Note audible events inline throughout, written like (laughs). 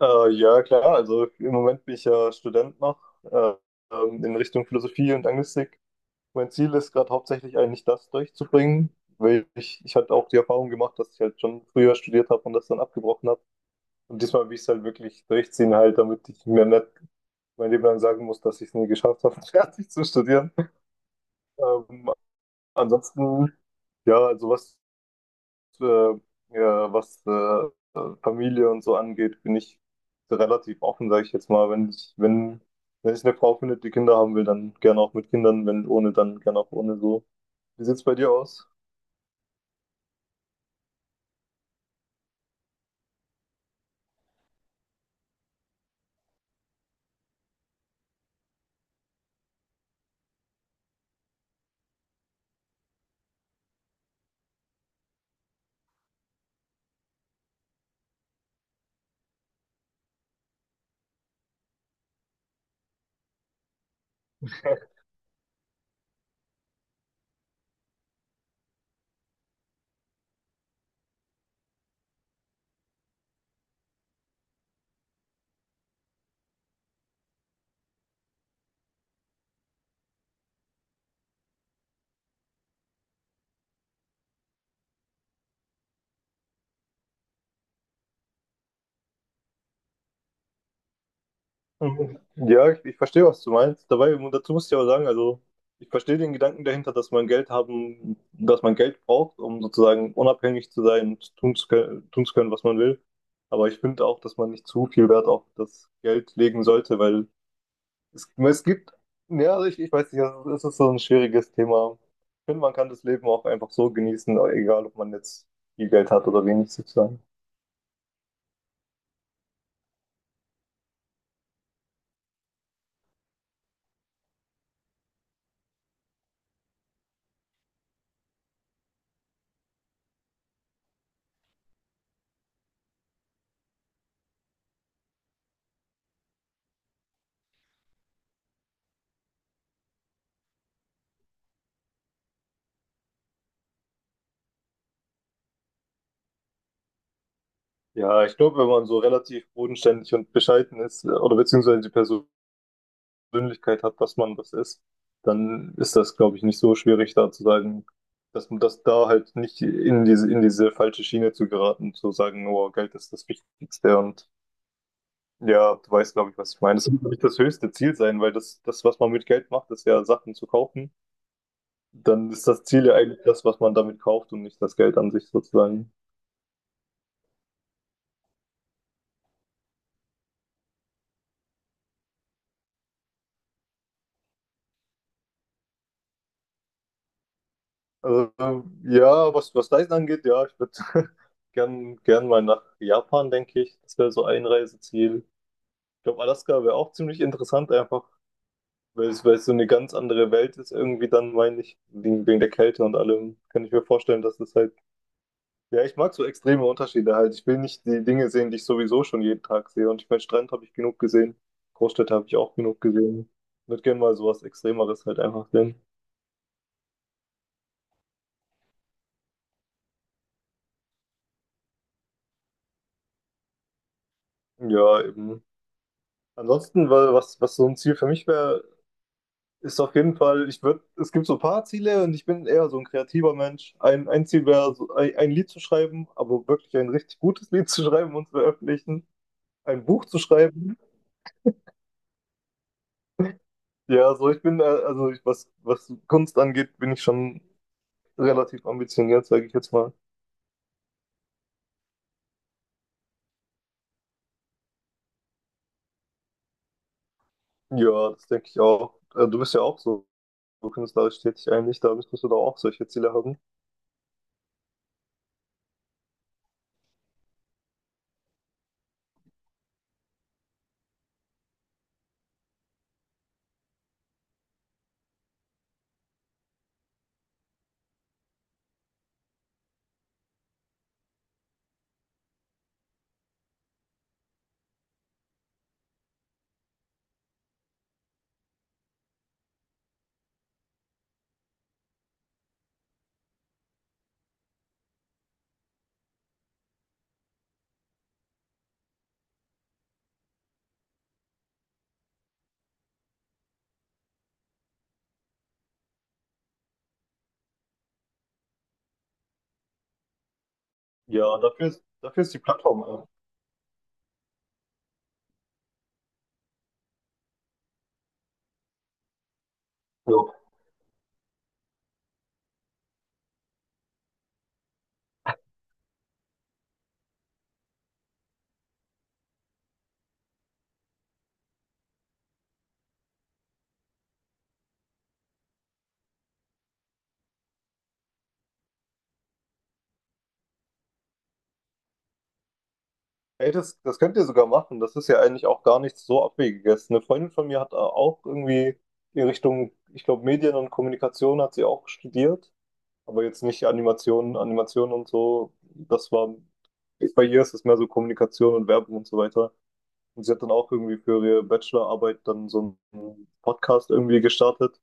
Ja, klar. Also im Moment bin ich ja Student noch äh, in Richtung Philosophie und Anglistik. Mein Ziel ist gerade hauptsächlich eigentlich das durchzubringen, weil ich hatte auch die Erfahrung gemacht, dass ich halt schon früher studiert habe und das dann abgebrochen habe. Und diesmal will ich es halt wirklich durchziehen, halt, damit ich mir nicht mein Leben lang sagen muss, dass ich es nie geschafft habe, (laughs) fertig zu studieren. Ähm, ansonsten, ja, also äh, ja, was Familie und so angeht, bin ich relativ offen, sage ich jetzt mal. Wenn ich eine Frau finde, die Kinder haben will, dann gerne auch mit Kindern, wenn ohne, dann gerne auch ohne so. Wie sieht's bei dir aus? (laughs) Mhm. Ja, ich verstehe, was du meinst. Dabei, dazu muss ich aber sagen, also ich verstehe den Gedanken dahinter, dass man Geld haben, dass man Geld braucht, um sozusagen unabhängig zu sein und tun zu können, was man will. Aber ich finde auch, dass man nicht zu viel Wert auf das Geld legen sollte, weil es gibt, ja, also ich weiß nicht, also es ist so ein schwieriges Thema. Ich finde, man kann das Leben auch einfach so genießen, egal ob man jetzt viel Geld hat oder wenig sozusagen. Ja, ich glaube, wenn man so relativ bodenständig und bescheiden ist oder beziehungsweise die Persönlichkeit hat, dass man das ist, dann ist das, glaube ich, nicht so schwierig, da zu sagen, dass man das da halt nicht in diese falsche Schiene zu geraten, zu sagen, oh, Geld ist das Wichtigste und ja, du weißt, glaube ich, was ich meine. Das muss nicht das höchste Ziel sein, weil das, was man mit Geld macht, ist ja Sachen zu kaufen. Dann ist das Ziel ja eigentlich das, was man damit kauft und nicht das Geld an sich sozusagen. Also, ja, was Reisen angeht, ja, ich würde (laughs) gern mal nach Japan, denke ich. Das wäre so ein Reiseziel. Ich glaube, Alaska wäre auch ziemlich interessant, einfach, weil es so eine ganz andere Welt ist, irgendwie dann, meine ich, wegen der Kälte und allem. Kann ich mir vorstellen, dass es halt ja, ich mag so extreme Unterschiede halt. Ich will nicht die Dinge sehen, die ich sowieso schon jeden Tag sehe. Und ich meine, Strand habe ich genug gesehen. Großstädte habe ich auch genug gesehen. Ich würde gerne mal sowas Extremeres halt einfach sehen. Ja, eben. Ansonsten, weil was so ein Ziel für mich wäre, ist auf jeden Fall, ich würde, es gibt so ein paar Ziele und ich bin eher so ein kreativer Mensch. Ein Ziel wäre, so ein Lied zu schreiben, aber wirklich ein richtig gutes Lied (laughs) zu schreiben und zu veröffentlichen. Ein Buch zu schreiben. Ja, so ich bin, also ich, was Kunst angeht, bin ich schon relativ ambitioniert, sage ich jetzt mal. Ja, das denke ich auch. Du bist ja auch so, so künstlerisch tätig eigentlich, da müsstest du doch auch solche Ziele haben. Ja, dafür ist die Plattform. Ja. Ey, das könnt ihr sogar machen. Das ist ja eigentlich auch gar nichts so Abwegiges. Eine Freundin von mir hat auch irgendwie in Richtung, ich glaube, Medien und Kommunikation hat sie auch studiert, aber jetzt nicht Animation, Animation und so. Das war, bei ihr ist es mehr so Kommunikation und Werbung und so weiter. Und sie hat dann auch irgendwie für ihre Bachelorarbeit dann so einen Podcast irgendwie gestartet.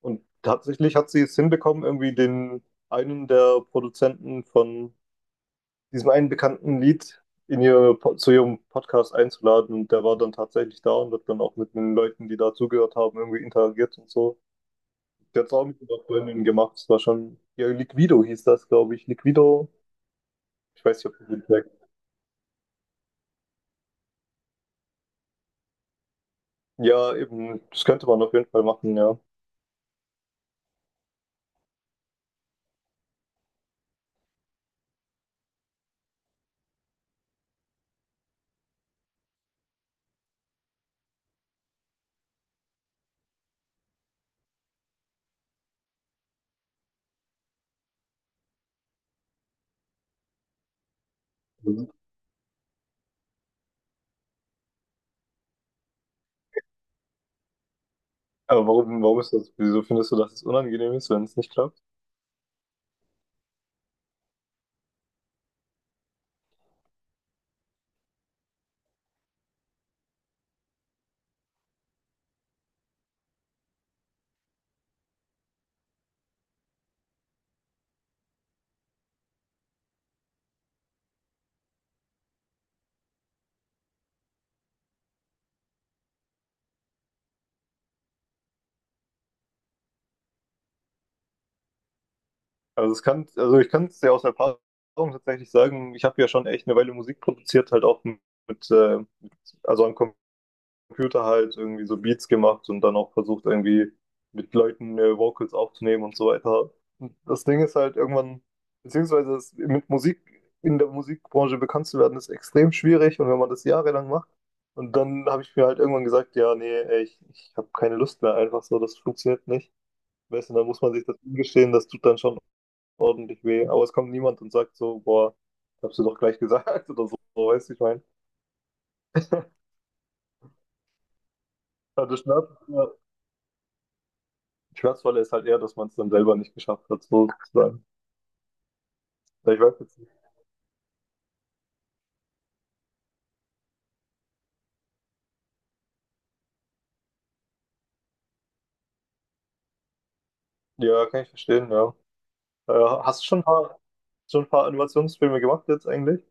Und tatsächlich hat sie es hinbekommen, irgendwie den einen der Produzenten von diesem einen bekannten Lied in zu ihrem Podcast einzuladen. Und der war dann tatsächlich da und hat dann auch mit den Leuten, die da zugehört haben, irgendwie interagiert und so. Der hat es auch mit einer Freundin gemacht. Es war schon, ja, Liquido hieß das, glaube ich. Liquido. Ich weiß nicht, ob du den sagst. Ja, eben, das könnte man auf jeden Fall machen, ja. Aber warum ist das, wieso findest du, dass es unangenehm ist, wenn es nicht klappt? Also es kann, also ich kann es ja aus Erfahrung tatsächlich sagen, ich habe ja schon echt eine Weile Musik produziert, halt auch mit also an Computer halt irgendwie so Beats gemacht und dann auch versucht, irgendwie mit Leuten Vocals aufzunehmen und so weiter. Und das Ding ist halt irgendwann, beziehungsweise es, mit Musik in der Musikbranche bekannt zu werden, ist extrem schwierig und wenn man das jahrelang macht. Und dann habe ich mir halt irgendwann gesagt, ja, nee, ey, ich habe keine Lust mehr, einfach so, das funktioniert nicht. Weißt du, dann muss man sich das eingestehen, das tut dann schon ordentlich weh. Aber es kommt niemand und sagt so, boah, hab's dir doch gleich gesagt (laughs) oder so, weißt du, ich meine. Ja, das nervt, Schmerzvolle ist halt eher, dass man es dann selber nicht geschafft hat, so sozusagen. Ja, ich weiß jetzt nicht. Ja, kann ich verstehen, ja. Äh, hast du schon ein paar Animationsfilme gemacht jetzt eigentlich?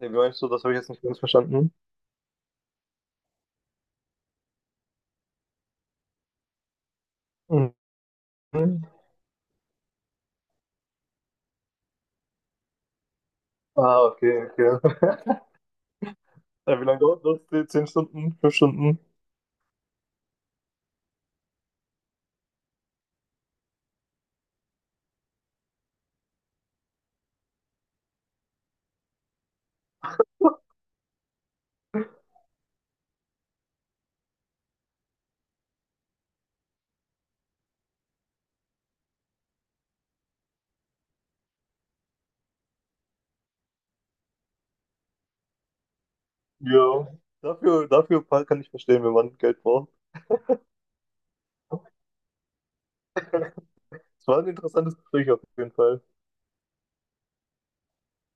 Ja, wie meinst du, das habe ich jetzt nicht ganz verstanden. Mhm. Ah, okay, okay. Wie lange dauert das? Die 10 Stunden? 5 Stunden? Ja. Dafür kann ich verstehen, wenn man Geld braucht. Es war ein interessantes Gespräch auf jeden Fall.